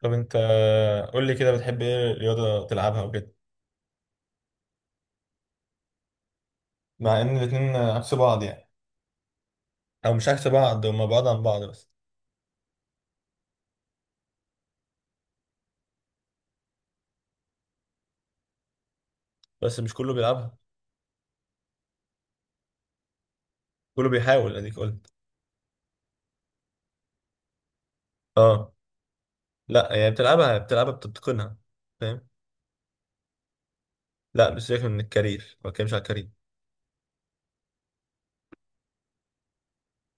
طب انت، قول لي كده، بتحب ايه رياضة تلعبها وكده؟ مع ان الاتنين عكس بعض يعني. او مش عكس بعض، هما بعض عن بعض بس. بس مش كله بيلعبها. كله بيحاول، اديك قلت. اه. لا يعني بتلعبها بتتقنها، فاهم؟ لا مش... سيبك من الكارير، ما بتكلمش على الكارير.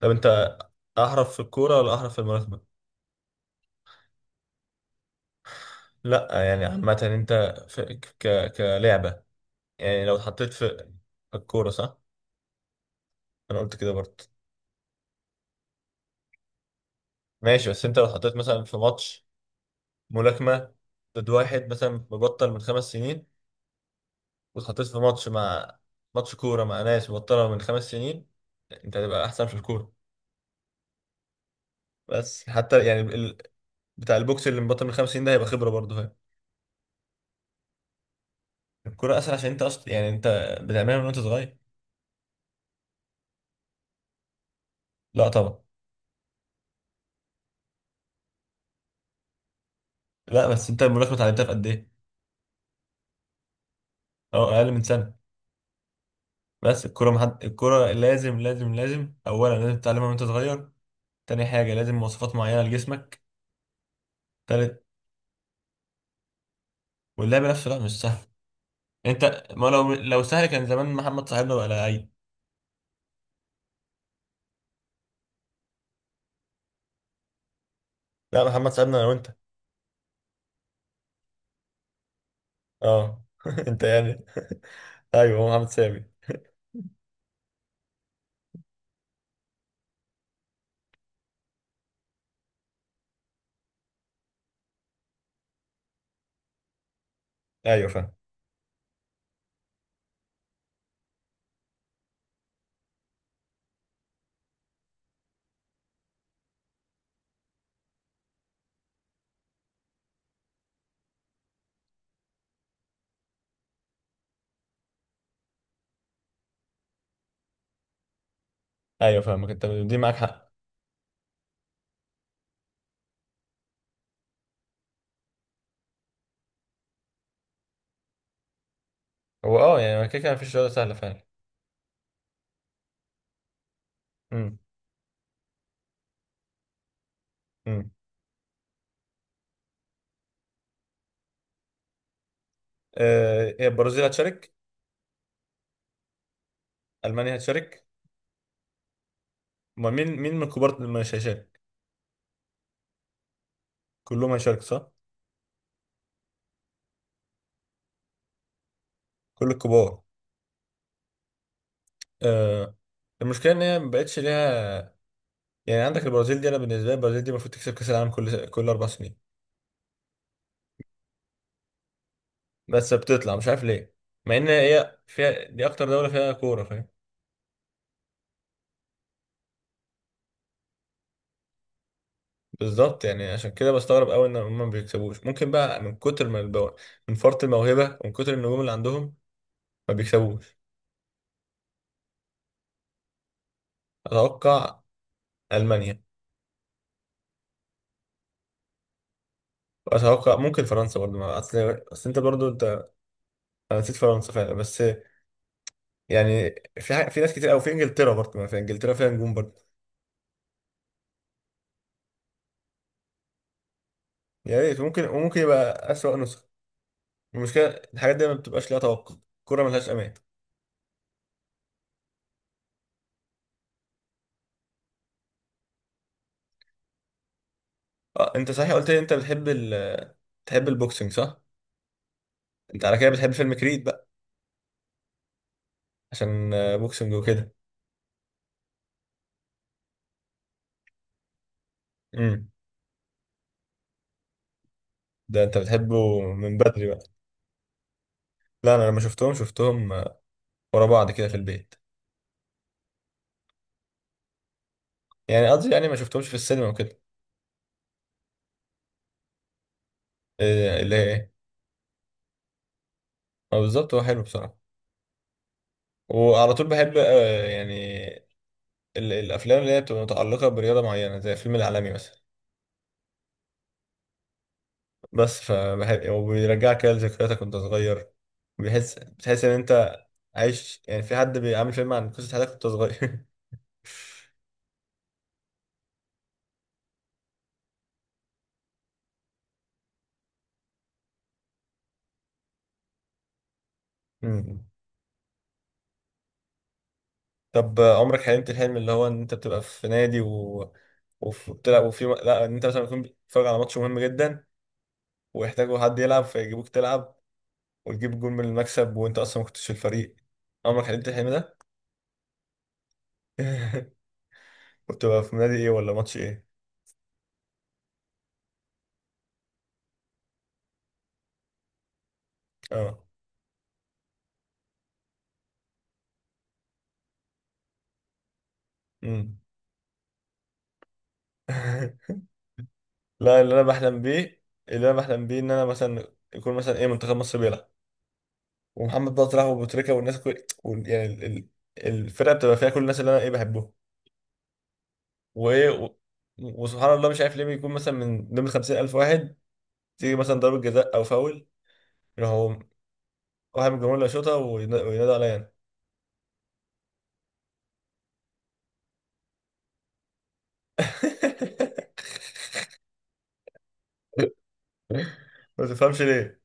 طب انت، احرف في الكورة ولا احرف في الملاكمة؟ لا يعني، عامة انت، في ك... كلعبة، يعني لو اتحطيت في الكورة، صح. انا قلت كده برضه. ماشي، بس انت لو اتحطيت مثلا في ماتش ملاكمة ضد واحد مثلا مبطل من خمس سنين، واتحطيت في ماتش كورة مع ناس مبطلة من خمس سنين، انت هتبقى أحسن في الكورة. بس حتى يعني ال... بتاع البوكس اللي مبطل من خمس سنين ده هيبقى خبرة برضه هي. الكورة أسهل، عشان أنت أصلا، يعني أنت بتعملها من وأنت صغير. لا طبعا. لا، بس أنت الملاكمة اتعلمتها في قد إيه؟ أه، أقل من سنة. بس الكورة محد... الكورة لازم لازم، أولا لازم تتعلمها وأنت صغير، تاني حاجة لازم مواصفات معينة لجسمك، تالت واللعب نفسه لا مش سهل. انت ما لو سهل، كان زمان محمد صاحبنا بقى لعيب. لا، محمد سعدنا انا وانت. اه، انت يعني. ايوه، هو محمد سامي. ايوه فاهم. ايوه فاهمك، انت دي معاك حق. هو اه، يعني كده كده مفيش رياضه سهله فعلا. امم. امم. هي البرازيل هتشارك، المانيا هتشارك. ما مين مين من الكبار اللي مش هيشارك؟ كلهم هيشارك، صح؟ كل الكبار. آه، المشكله ان هي ما بقتش ليها. يعني عندك البرازيل دي، انا بالنسبه لي البرازيل دي المفروض تكسب كاس العالم كل اربع سنين. بس بتطلع مش عارف ليه، مع ان هي فيها دي اكتر دولة فيها كورة، فاهم. بالظبط، يعني عشان كده بستغرب قوي ان هم ما بيكسبوش. ممكن بقى من كتر ما البو... من فرط الموهبة ومن كتر النجوم اللي عندهم ما بيكسبوش. اتوقع المانيا، واتوقع ممكن فرنسا برضه. ما اصل، اصل انت برضه انت، انا نسيت فرنسا فعلا، بس يعني في حاجة... في ناس كتير قوي في انجلترا برضه، ما في انجلترا فيها نجوم برضه. يا ريت، ممكن، وممكن يبقى اسوأ نسخة. المشكلة الحاجات دي ما بتبقاش ليها توقع، الكورة ملهاش امان. اه انت صحيح، قلت لي انت بتحب ال... بتحب البوكسنج، صح؟ انت على كده بتحب فيلم كريد بقى، عشان بوكسنج وكده. امم. ده انت بتحبه من بدري بقى. لا انا لما شفتهم، شفتهم ورا بعض كده في البيت. يعني قصدي، يعني ما شفتهمش في السينما وكده. إيه اللي هي ايه؟ اه بالظبط، هو حلو بصراحة. وعلى طول بحب، يعني ال- الافلام اللي هي بتبقى متعلقة برياضة معينة، زي الفيلم العالمي مثلا. بس فبحب، وبيرجعك كده لذكرياتك وانت صغير، بيحس بتحس ان انت عايش، يعني في حد بيعمل فيلم عن قصة حياتك وانت صغير. مم. طب عمرك حلمت الحلم اللي هو ان انت بتبقى في نادي و... وف- وبتلعب، وفي، لا ان انت مثلا بتكون بتتفرج على ماتش مهم جدا ويحتاجوا حد يلعب فيجيبوك تلعب وتجيب جول من المكسب وانت اصلا ما كنتش في الفريق، عمرك حلمت الحلم ده؟ وبتبقى في نادي ايه ولا ماتش ايه؟ اه. امم. لا اللي انا بحلم بيه، اللي انا بحلم بيه ان انا مثلا يكون مثلا ايه، منتخب مصر بيلعب ومحمد بقى طلع وابو تريكه والناس كل، وال- يعني ال- ال- الفرقه بتبقى فيها كل الناس اللي انا ايه بحبهم، وايه و- وسبحان الله مش عارف ليه بيكون مثلا من ضمن 50000 واحد، تيجي مثلا ضربه جزاء او فاول، يروحوا واحد من الجمهور اللي يشوطها، وين- وينادوا عليا انا. ما تفهمش ليه،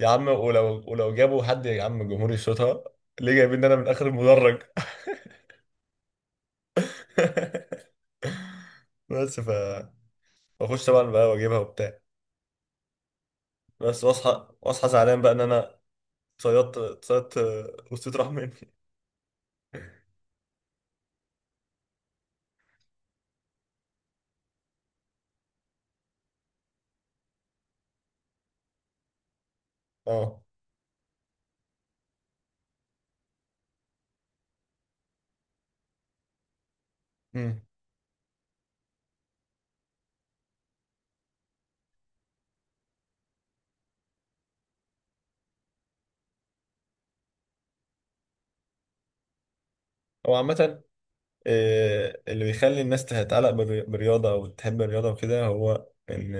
يا عم ولو جابوا حد يا عم الجمهور يشوطها، ليه جايبين إن انا من اخر المدرج؟ بس ف، واخش بقى واجيبها وبتاع. بس واصحى، واصحى زعلان بقى ان انا صيدت، صيدت، وسطيت راح مني. اه. امم. هو عامة، اللي بيخلي الناس تتعلق بالري- بالرياضة أو تحب الرياضة وكده، هو إن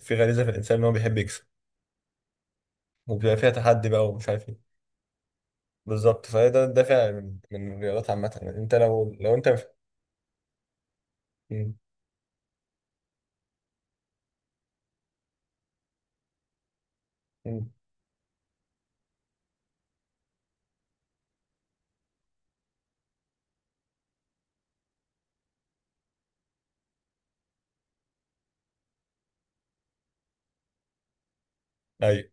في غريزة في الإنسان إن هو بيحب يكسب، وبيبقى فيها تحدي بقى، ومش عارف إيه. بالظبط، فهي ده الدافع من الرياضات عامة. يعني أنت لو أنت... مم. مم. أيوه.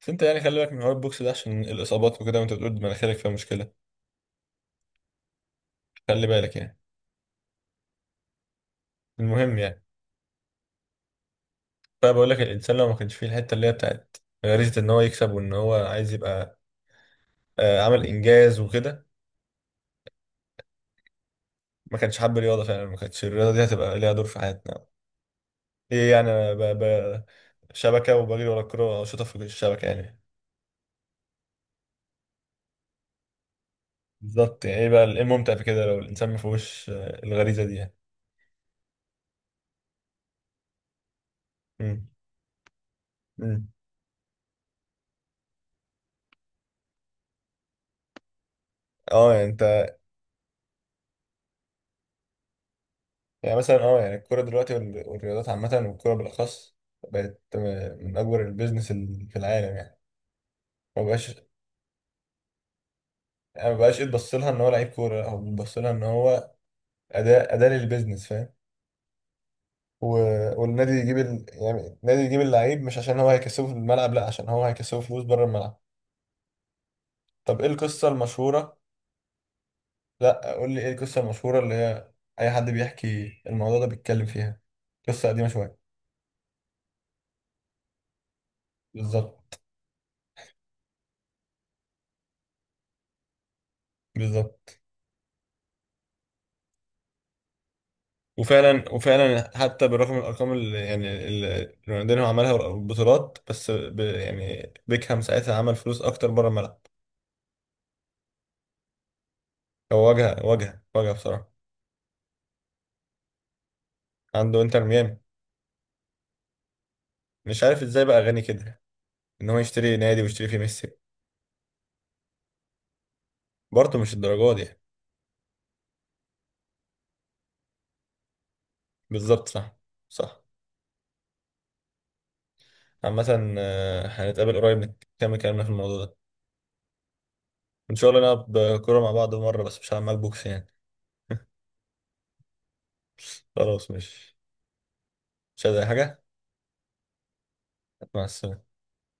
بس أنت يعني خلي بالك من حوار البوكس ده عشان الإصابات وكده، وأنت بتقول مناخيرك فيها مشكلة، خلي بالك يعني. المهم يعني. طيب بقول لك، الانسان لو ما كانش فيه الحته اللي هي بتاعت غريزه ان هو يكسب وان هو عايز يبقى عمل انجاز وكده، ما كانش حب رياضه فعلا، ما كانتش الرياضه دي هتبقى ليها دور في حياتنا. ايه يعني، أنا ب... ب... شبكه وبجري ورا الكوره واشوطها في الشبكه يعني. بالظبط، يعني ايه بقى ايه الممتع في كده لو الانسان ما فيهوش الغريزه دي يعني. امم. امم. اه يعني انت، يعني مثلا اه، يعني الكوره دلوقتي وال- والرياضات عامه والكوره بالاخص بقت من اكبر البيزنس ال- في العالم يعني. ما بقاش، يعني ما بقاش يتبص لها ان هو لعيب كوره، لا، هو بيتبص لها ان هو اداه للبيزنس، فاهم. و... والنادي يجيب ال... يعني النادي يجيب اللعيب مش عشان هو هيكسبه في الملعب، لا عشان هو هيكسبه فلوس بره الملعب. طب ايه القصه المشهوره، لا قول لي ايه القصه المشهوره اللي هي اي حد بيحكي الموضوع ده بيتكلم فيها، قصه قديمه شويه. بالظبط. بالظبط. وفعلا، حتى بالرغم من الارقام اللي يعني اللي رونالدينيو عملها والبطولات، بس ب... يعني بيكهام ساعتها عمل فلوس اكتر بره الملعب. هو واجهة واجهة بصراحة. عنده انتر ميامي. مش عارف ازاي بقى غني كده ان هو يشتري نادي ويشتري فيه ميسي. برضه مش الدرجة دي يعني. بالظبط، صح. صح. عامة، هنتقابل قريب، نكمل كلامنا في الموضوع ده ان شاء الله، نلعب كورة مع بعض مرة، بس مش هلعب معاك بوكس يعني. خلاص، مش، مش عايز اي حاجة. مع السلامة.